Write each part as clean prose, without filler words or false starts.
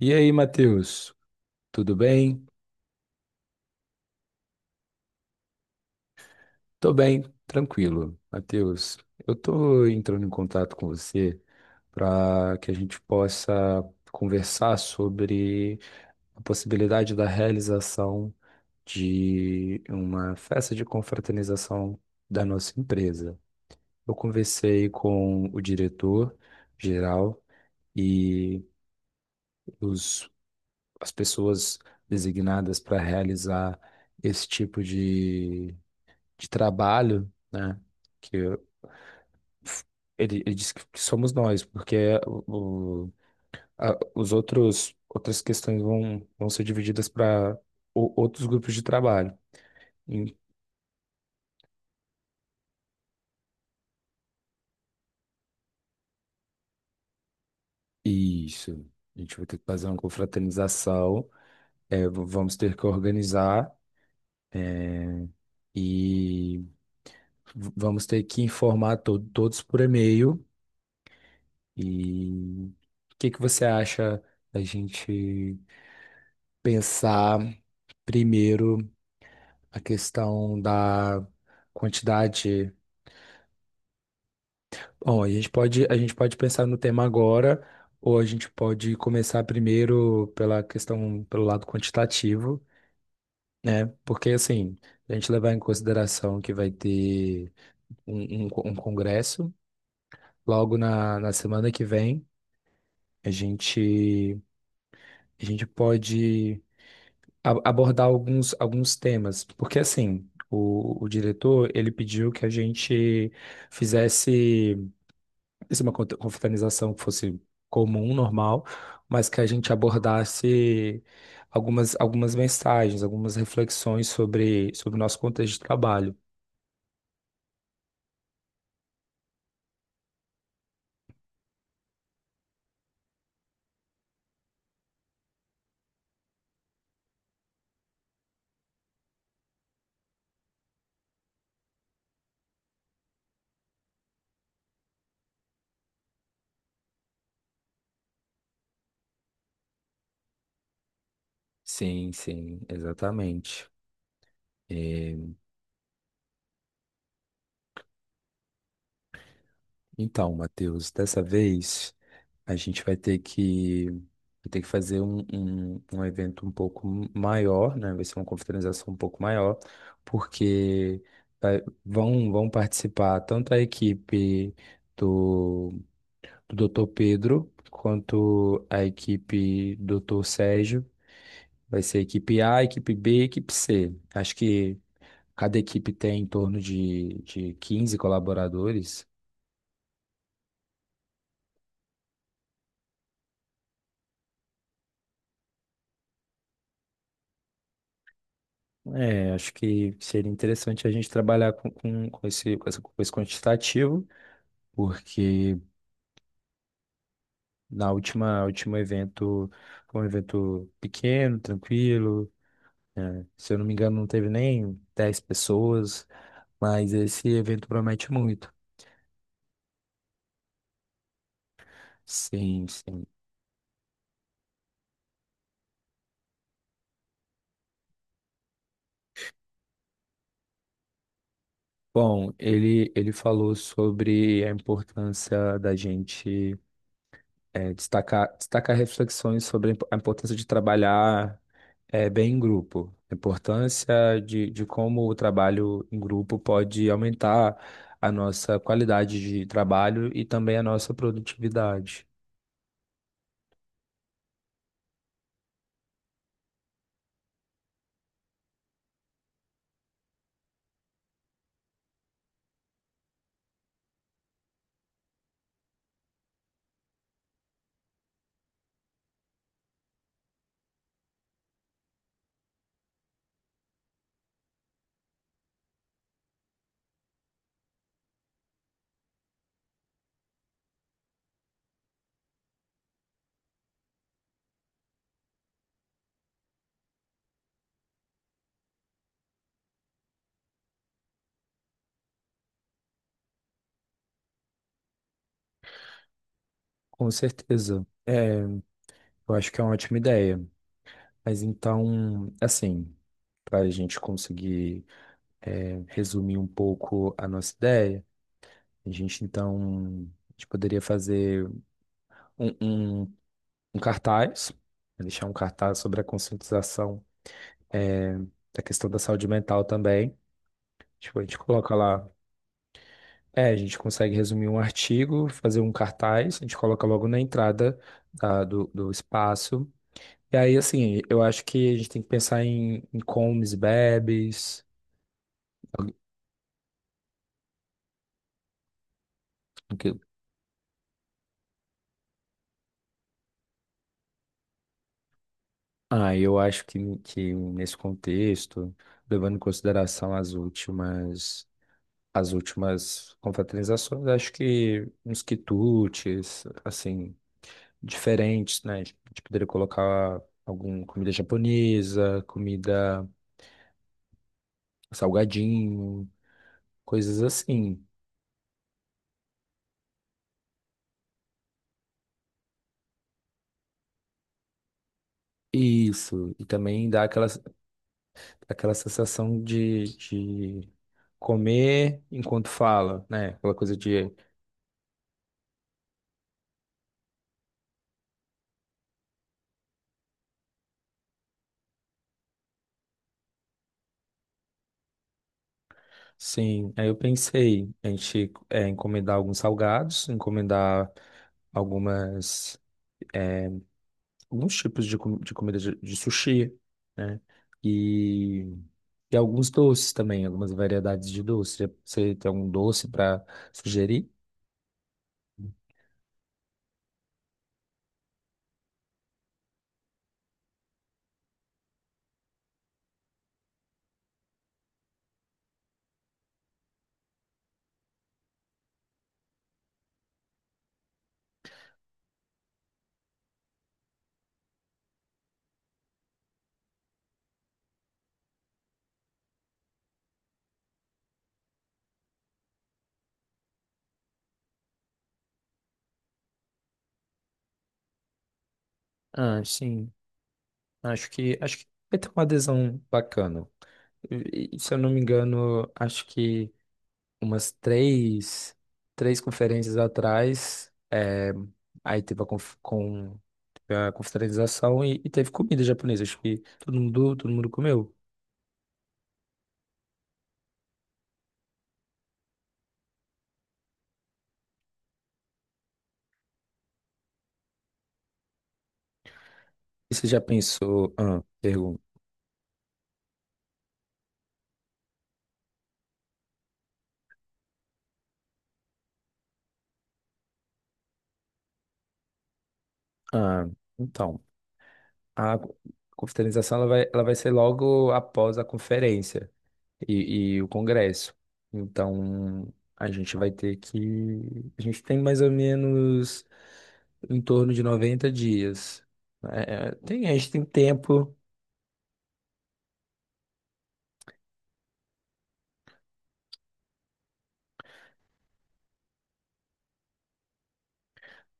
E aí, Matheus, tudo bem? Tô bem, tranquilo. Matheus, eu tô entrando em contato com você para que a gente possa conversar sobre a possibilidade da realização de uma festa de confraternização da nossa empresa. Eu conversei com o diretor geral e os, as pessoas designadas para realizar esse tipo de trabalho, né? Que eu- ele disse que somos nós, porque o- a- os outros outras questões vão ser divididas para outros grupos de trabalho. E- Isso. A gente vai ter que fazer uma confraternização, é, vamos ter que organizar e vamos ter que informar todos por e-mail. E o que que você acha da gente pensar primeiro a questão da quantidade? Bom, a gente pode pensar no tema agora, ou a gente pode começar primeiro pela questão, pelo lado quantitativo, né? Porque, assim, a gente levar em consideração que vai ter um congresso logo na semana que vem, a gente, a gente pode abordar alguns temas, porque, assim, o diretor, ele pediu que a gente fizesse. Isso é uma confraternização que fosse comum, normal, mas que a gente abordasse algumas mensagens, algumas reflexões sobre o nosso contexto de trabalho. Sim, sim, exatamente. É, então, Matheus, dessa vez a gente vai ter que fazer um evento um pouco maior, né? Vai ser uma confraternização um pouco maior, porque vão participar tanto a equipe do do Dr. Pedro, quanto a equipe do Dr. Sérgio. Vai ser equipe A, equipe B, equipe C. Acho que cada equipe tem em torno de 15 colaboradores. É, acho que seria interessante a gente trabalhar com esse, com esse quantitativo, porque na última, último evento, foi um evento pequeno, tranquilo, né? Se eu não me engano, não teve nem 10 pessoas, mas esse evento promete muito. Sim, sim. Bom, ele falou sobre a importância da gente destacar reflexões sobre a importância de trabalhar bem em grupo, a importância de como o trabalho em grupo pode aumentar a nossa qualidade de trabalho e também a nossa produtividade. Com certeza. É, eu acho que é uma ótima ideia. Mas então, assim, para a gente conseguir resumir um pouco a nossa ideia. A gente, então, a gente poderia fazer um, um, um cartaz, né, deixar um cartaz sobre a conscientização é, da questão da saúde mental também. Tipo, a gente coloca lá, a gente consegue resumir um artigo, fazer um cartaz, a gente coloca logo na entrada do espaço. E aí, assim, eu acho que a gente tem que pensar em comes, bebes. o que- Ah, eu acho que nesse contexto, levando em consideração as últimas confraternizações, acho que uns quitutes, assim, diferentes, né? A gente poderia colocar alguma comida japonesa, comida salgadinho, coisas assim. Isso, e também dá aquela sensação de comer enquanto fala, né? Aquela coisa de, sim. Aí eu pensei, a gente encomendar alguns salgados, encomendar algumas alguns tipos de comida de sushi, né? E, e alguns doces também, algumas variedades de doce. Você tem algum doce para sugerir? Ah, sim. Acho que vai ter uma adesão bacana. Se eu não me engano, acho que umas três conferências atrás, é, aí teve a, conf, com, teve a confraternização e teve comida japonesa. Acho que todo mundo comeu. E você já pensou? Ah, pergunta. Ah, então, a confraternização ela vai ser logo após a conferência e o Congresso. Então, a gente vai ter que. A gente tem mais ou menos em torno de 90 dias. A gente tem tempo.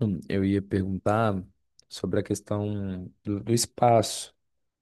Eu ia perguntar sobre a questão do espaço.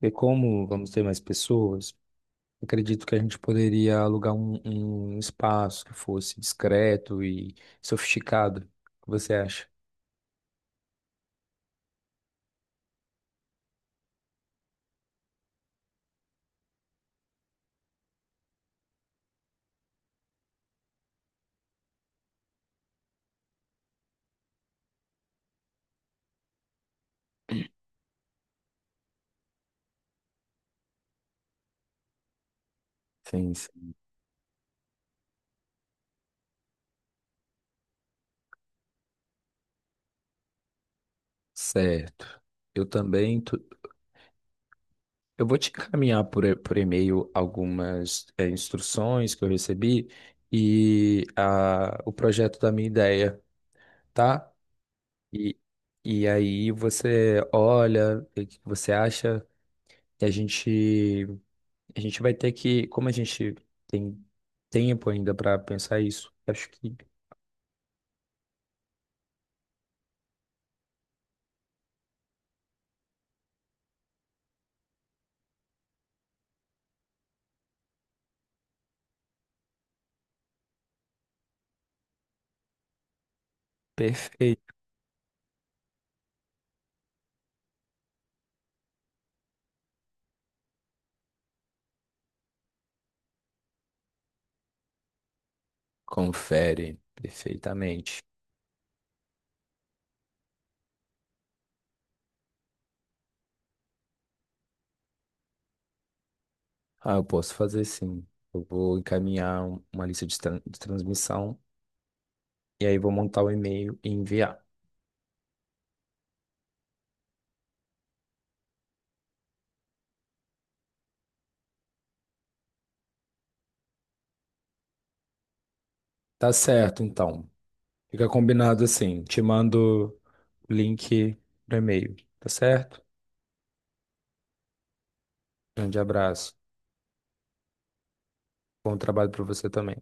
E como vamos ter mais pessoas, acredito que a gente poderia alugar um espaço que fosse discreto e sofisticado. O que você acha? Sim, sim. Certo. Eu também. Eu vou te encaminhar por e-mail algumas instruções que eu recebi e o projeto da minha ideia, tá? E, e aí você olha, vê o que você acha? E a gente vai ter que, como a gente tem tempo ainda para pensar isso, acho que. Perfeito. Confere perfeitamente. Ah, eu posso fazer sim. Eu vou encaminhar uma lista de, de transmissão. E aí vou montar o e-mail e enviar. Tá certo, então. Fica combinado assim. Te mando o link no e-mail, tá certo? Grande abraço. Bom trabalho para você também.